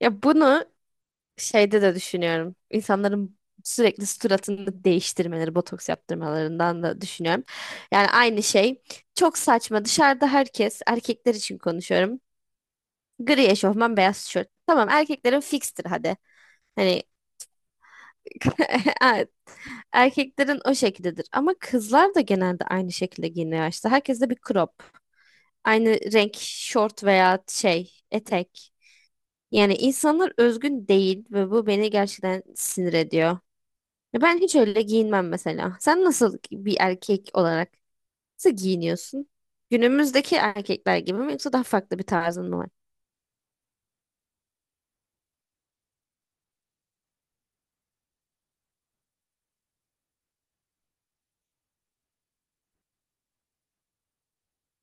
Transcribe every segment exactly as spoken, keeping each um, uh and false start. Ya bunu şeyde de düşünüyorum. İnsanların sürekli suratını değiştirmeleri, botoks yaptırmalarından da düşünüyorum. Yani aynı şey. Çok saçma. Dışarıda herkes, erkekler için konuşuyorum. Gri eşofman, beyaz tişört. Tamam, erkeklerin fikstir hadi. Hani evet, erkeklerin o şekildedir. Ama kızlar da genelde aynı şekilde giyiniyor işte. Herkes de bir crop. Aynı renk şort veya şey, etek. Yani insanlar özgün değil ve bu beni gerçekten sinir ediyor. Ya ben hiç öyle giyinmem mesela. Sen nasıl bir erkek olarak nasıl giyiniyorsun? Günümüzdeki erkekler gibi mi yoksa daha farklı bir tarzın mı var?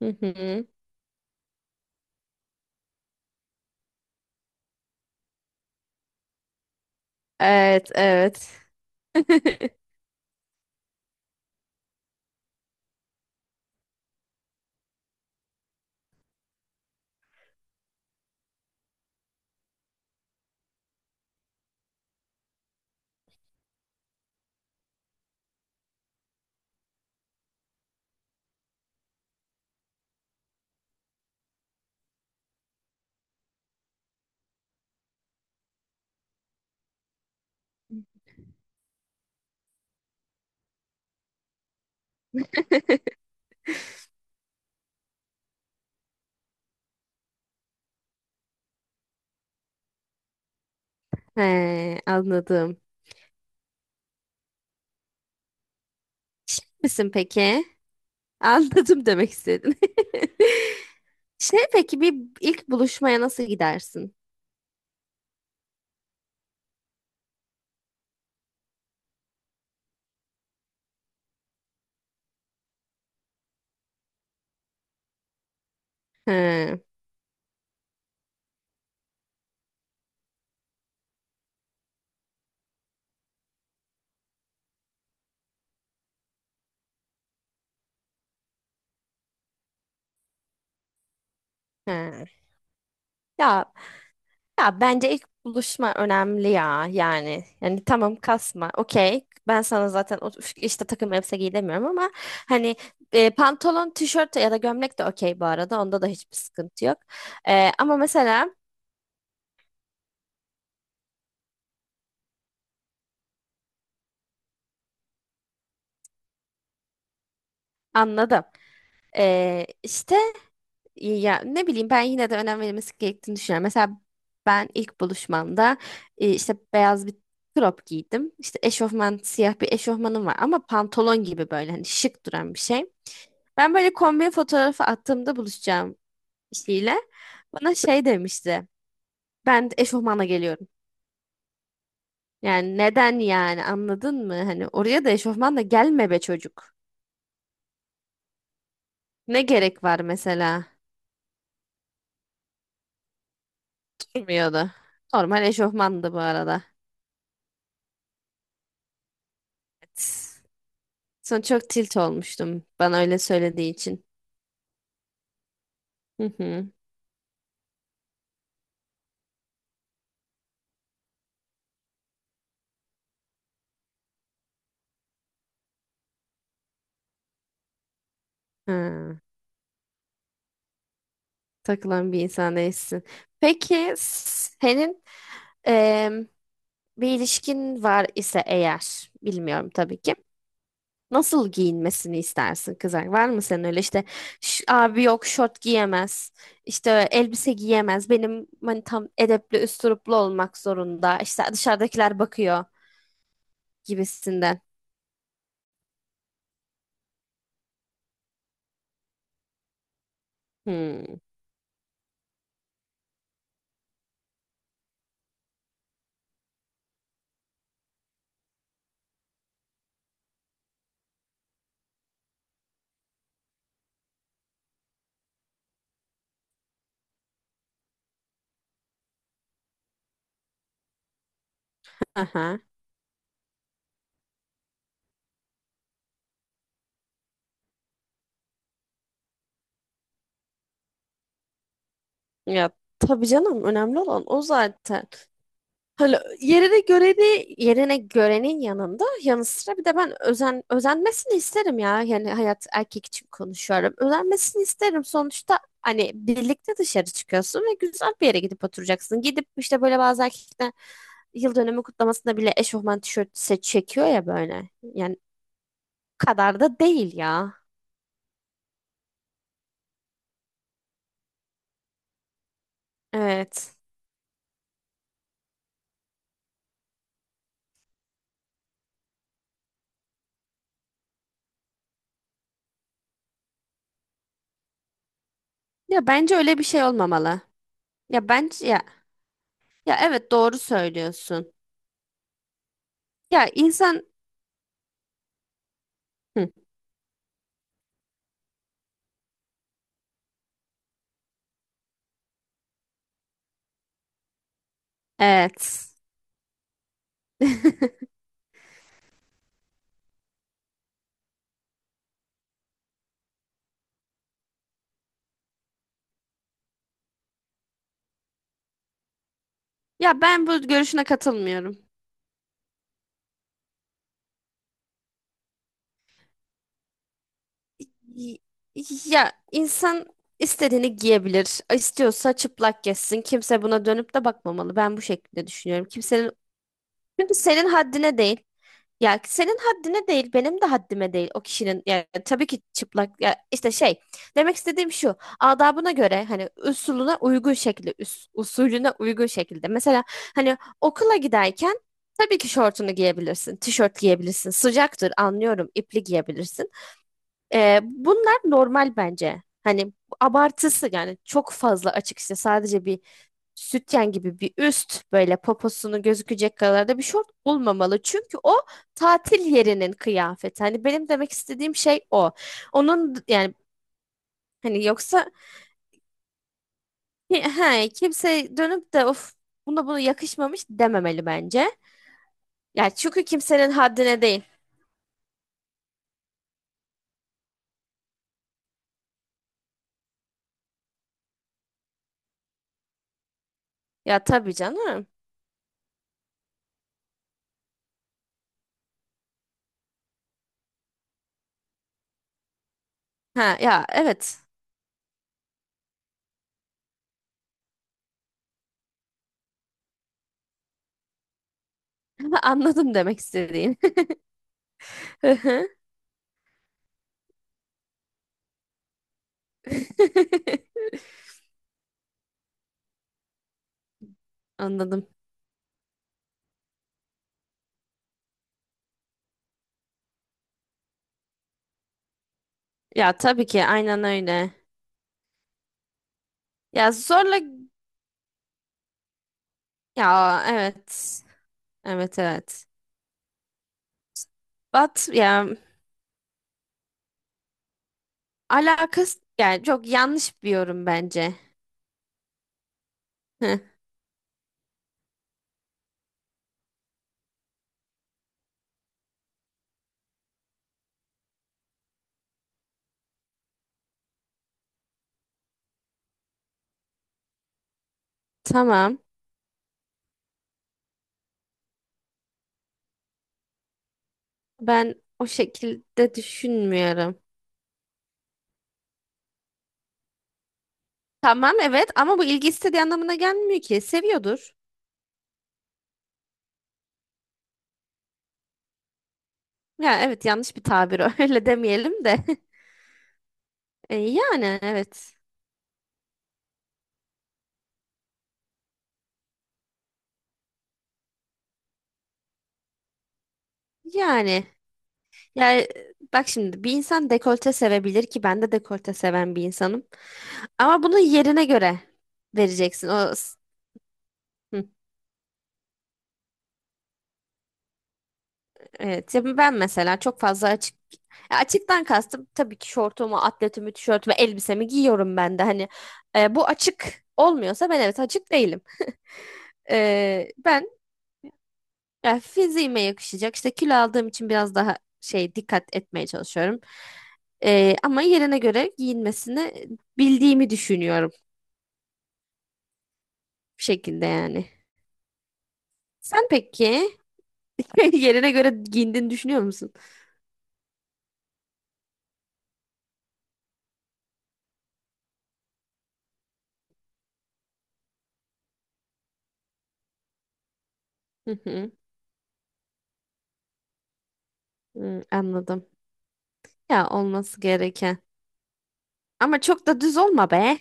Hı hı. Evet, evet. He, anladım. Misin peki? Anladım demek istedin. Şey peki bir ilk buluşmaya nasıl gidersin? He, he. Ya Ya bence ilk buluşma önemli ya yani. Yani tamam kasma. Okey. Ben sana zaten o- üf, işte takım elbise giy demiyorum ama hani e, pantolon, tişört ya da gömlek de okey bu arada. Onda da hiçbir sıkıntı yok. E, ama mesela anladım. E, işte ya ne bileyim ben yine de önem verilmesi gerektiğini düşünüyorum. Mesela ben ilk buluşmamda e, işte beyaz bir crop giydim. İşte eşofman siyah bir eşofmanım var ama pantolon gibi böyle hani şık duran bir şey. Ben böyle kombin fotoğrafı attığımda buluşacağım kişiyle bana şey demişti. Ben de eşofmanla geliyorum. Yani neden yani anladın mı? Hani oraya da eşofmanla gelme be çocuk. Ne gerek var mesela? Durmuyordu. Normal eşofmandı bu arada. Evet. Sonra çok tilt olmuştum bana öyle söylediği için. Hı hı. Ha, takılan bir insan değilsin. Peki senin em, bir ilişkin var ise eğer, bilmiyorum tabii ki. Nasıl giyinmesini istersin kızar? Var mı senin öyle işte "Ş- abi yok şort giyemez, işte elbise giyemez, benim hani tam edepli üsturuplu olmak zorunda, işte dışarıdakiler bakıyor gibisinden. Hmm. Aha. Ya tabii canım önemli olan o zaten. Hani yerine göreni yerine görenin yanında yanı sıra bir de ben özen özenmesini isterim ya. Yani hayat erkek için konuşuyorum. Özenmesini isterim. Sonuçta hani birlikte dışarı çıkıyorsun ve güzel bir yere gidip oturacaksın. Gidip işte böyle bazı erkekler yıl dönümü kutlamasında bile eşofman tişörtü çekiyor ya böyle. Yani o kadar da değil ya. Evet. Ya bence öyle bir şey olmamalı. Ya bence ya ya evet doğru söylüyorsun. Ya insan hı, evet. Ya ben bu görüşüne katılmıyorum. Y- Ya insan istediğini giyebilir. İstiyorsa çıplak gezsin. Kimse buna dönüp de bakmamalı. Ben bu şekilde düşünüyorum. Kimsenin çünkü senin haddine değil. Ya senin haddine değil, benim de haddime değil o kişinin. Yani tabii ki çıplak ya işte şey demek istediğim şu. Adabına göre hani usulüne uygun şekilde, üs- usulüne uygun şekilde. Mesela hani okula giderken tabii ki şortunu giyebilirsin, tişört giyebilirsin. Sıcaktır anlıyorum, ipli giyebilirsin. Ee, bunlar normal bence. Hani abartısı yani çok fazla açık açıkçası sadece bir sütyen gibi bir üst böyle poposunu gözükecek kadar da bir şort olmamalı. Çünkü o tatil yerinin kıyafeti. Hani benim demek istediğim şey o. Onun yani hani yoksa he, kimse dönüp de of buna bunu yakışmamış dememeli bence. Yani çünkü kimsenin haddine değil. Ya tabii canım. Ha ya evet. Anladım demek istediğin. Hı hı. Anladım. Ya tabii ki aynen öyle. Ya zorla ya evet. Evet evet. But ya alakası yani çok yanlış bir yorum bence. Heh, tamam. Ben o şekilde düşünmüyorum. Tamam evet ama bu ilgi istediği anlamına gelmiyor ki. Seviyordur. Ya evet yanlış bir tabir o. Öyle demeyelim de. E, yani evet. Yani yani bak şimdi bir insan dekolte sevebilir ki ben de dekolte seven bir insanım. Ama bunu yerine göre vereceksin. O evet, ya ben mesela çok fazla açık ya açıktan kastım tabii ki şortumu, atletimi, tişörtümü, elbisemi giyiyorum ben de. Hani e, bu açık olmuyorsa ben evet açık değilim. E, ben ya fiziğime yakışacak işte kilo aldığım için biraz daha şey dikkat etmeye çalışıyorum. E, ama yerine göre giyinmesini bildiğimi düşünüyorum bu şekilde yani. Sen peki yerine göre giyindiğini düşünüyor musun? Hı hı. Hı, anladım. Ya olması gereken. Ama çok da düz olma be.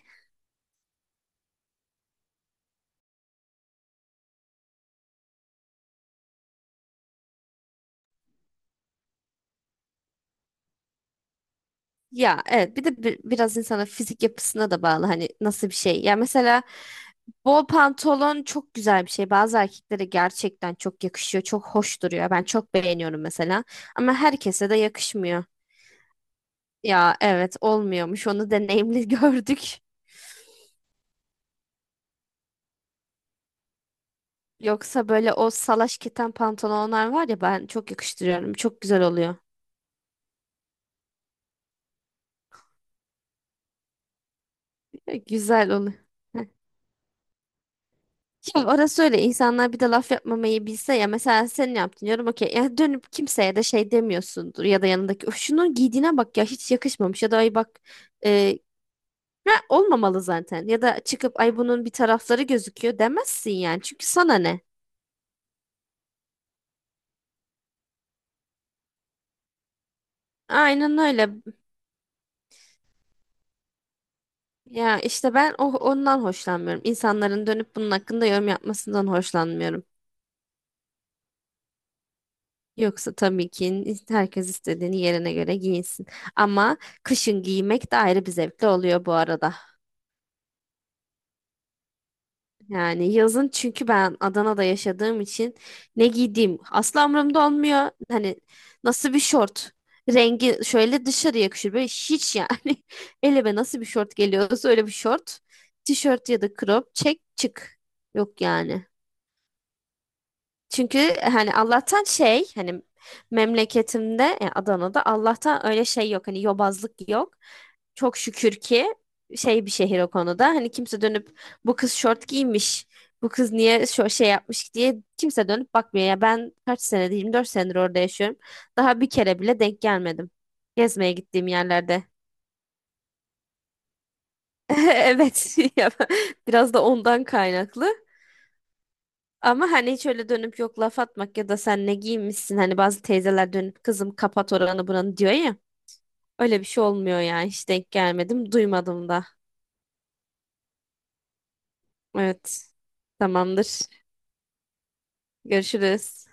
Ya evet bir de bi- biraz insanın fizik yapısına da bağlı hani nasıl bir şey. Ya mesela bol pantolon çok güzel bir şey. Bazı erkeklere gerçekten çok yakışıyor. Çok hoş duruyor. Ben çok beğeniyorum mesela. Ama herkese de yakışmıyor. Ya evet olmuyormuş. Onu deneyimli gördük. Yoksa böyle o salaş keten pantolonlar var ya ben çok yakıştırıyorum. Çok güzel oluyor. Güzel oluyor. Şimdi orası öyle insanlar bir de laf yapmamayı bilse ya mesela sen ne yaptın diyorum okey ya dönüp kimseye de şey demiyorsundur ya da yanındaki "Öf, şunun giydiğine bak ya hiç yakışmamış ya da ay bak e, ya olmamalı zaten ya da çıkıp ay bunun bir tarafları gözüküyor demezsin yani çünkü sana ne? Aynen öyle ya işte ben o, ondan hoşlanmıyorum. İnsanların dönüp bunun hakkında yorum yapmasından hoşlanmıyorum. Yoksa tabii ki herkes istediğini yerine göre giyinsin. Ama kışın giymek de ayrı bir zevkli oluyor bu arada. Yani yazın çünkü ben Adana'da yaşadığım için ne giydiğim asla umurumda olmuyor. Hani nasıl bir şort rengi şöyle dışarı yakışır böyle hiç yani elime nasıl bir şort geliyorsa öyle bir şort tişört ya da crop çek çık yok yani. Çünkü e, hani Allah'tan şey hani memleketimde yani Adana'da Allah'tan öyle şey yok hani yobazlık yok. Çok şükür ki şey bir şehir o konuda. Hani kimse dönüp bu kız şort giymiş. Bu kız niye şu şey yapmış diye kimse dönüp bakmıyor. Ya ben kaç senedir yirmi dört senedir orada yaşıyorum. Daha bir kere bile denk gelmedim. Gezmeye gittiğim yerlerde. Evet. Ya, biraz da ondan kaynaklı. Ama hani hiç öyle dönüp yok laf atmak ya da sen ne giymişsin hani bazı teyzeler dönüp kızım kapat oranı buranı diyor ya. Öyle bir şey olmuyor ya hiç denk gelmedim duymadım da. Evet, tamamdır, görüşürüz.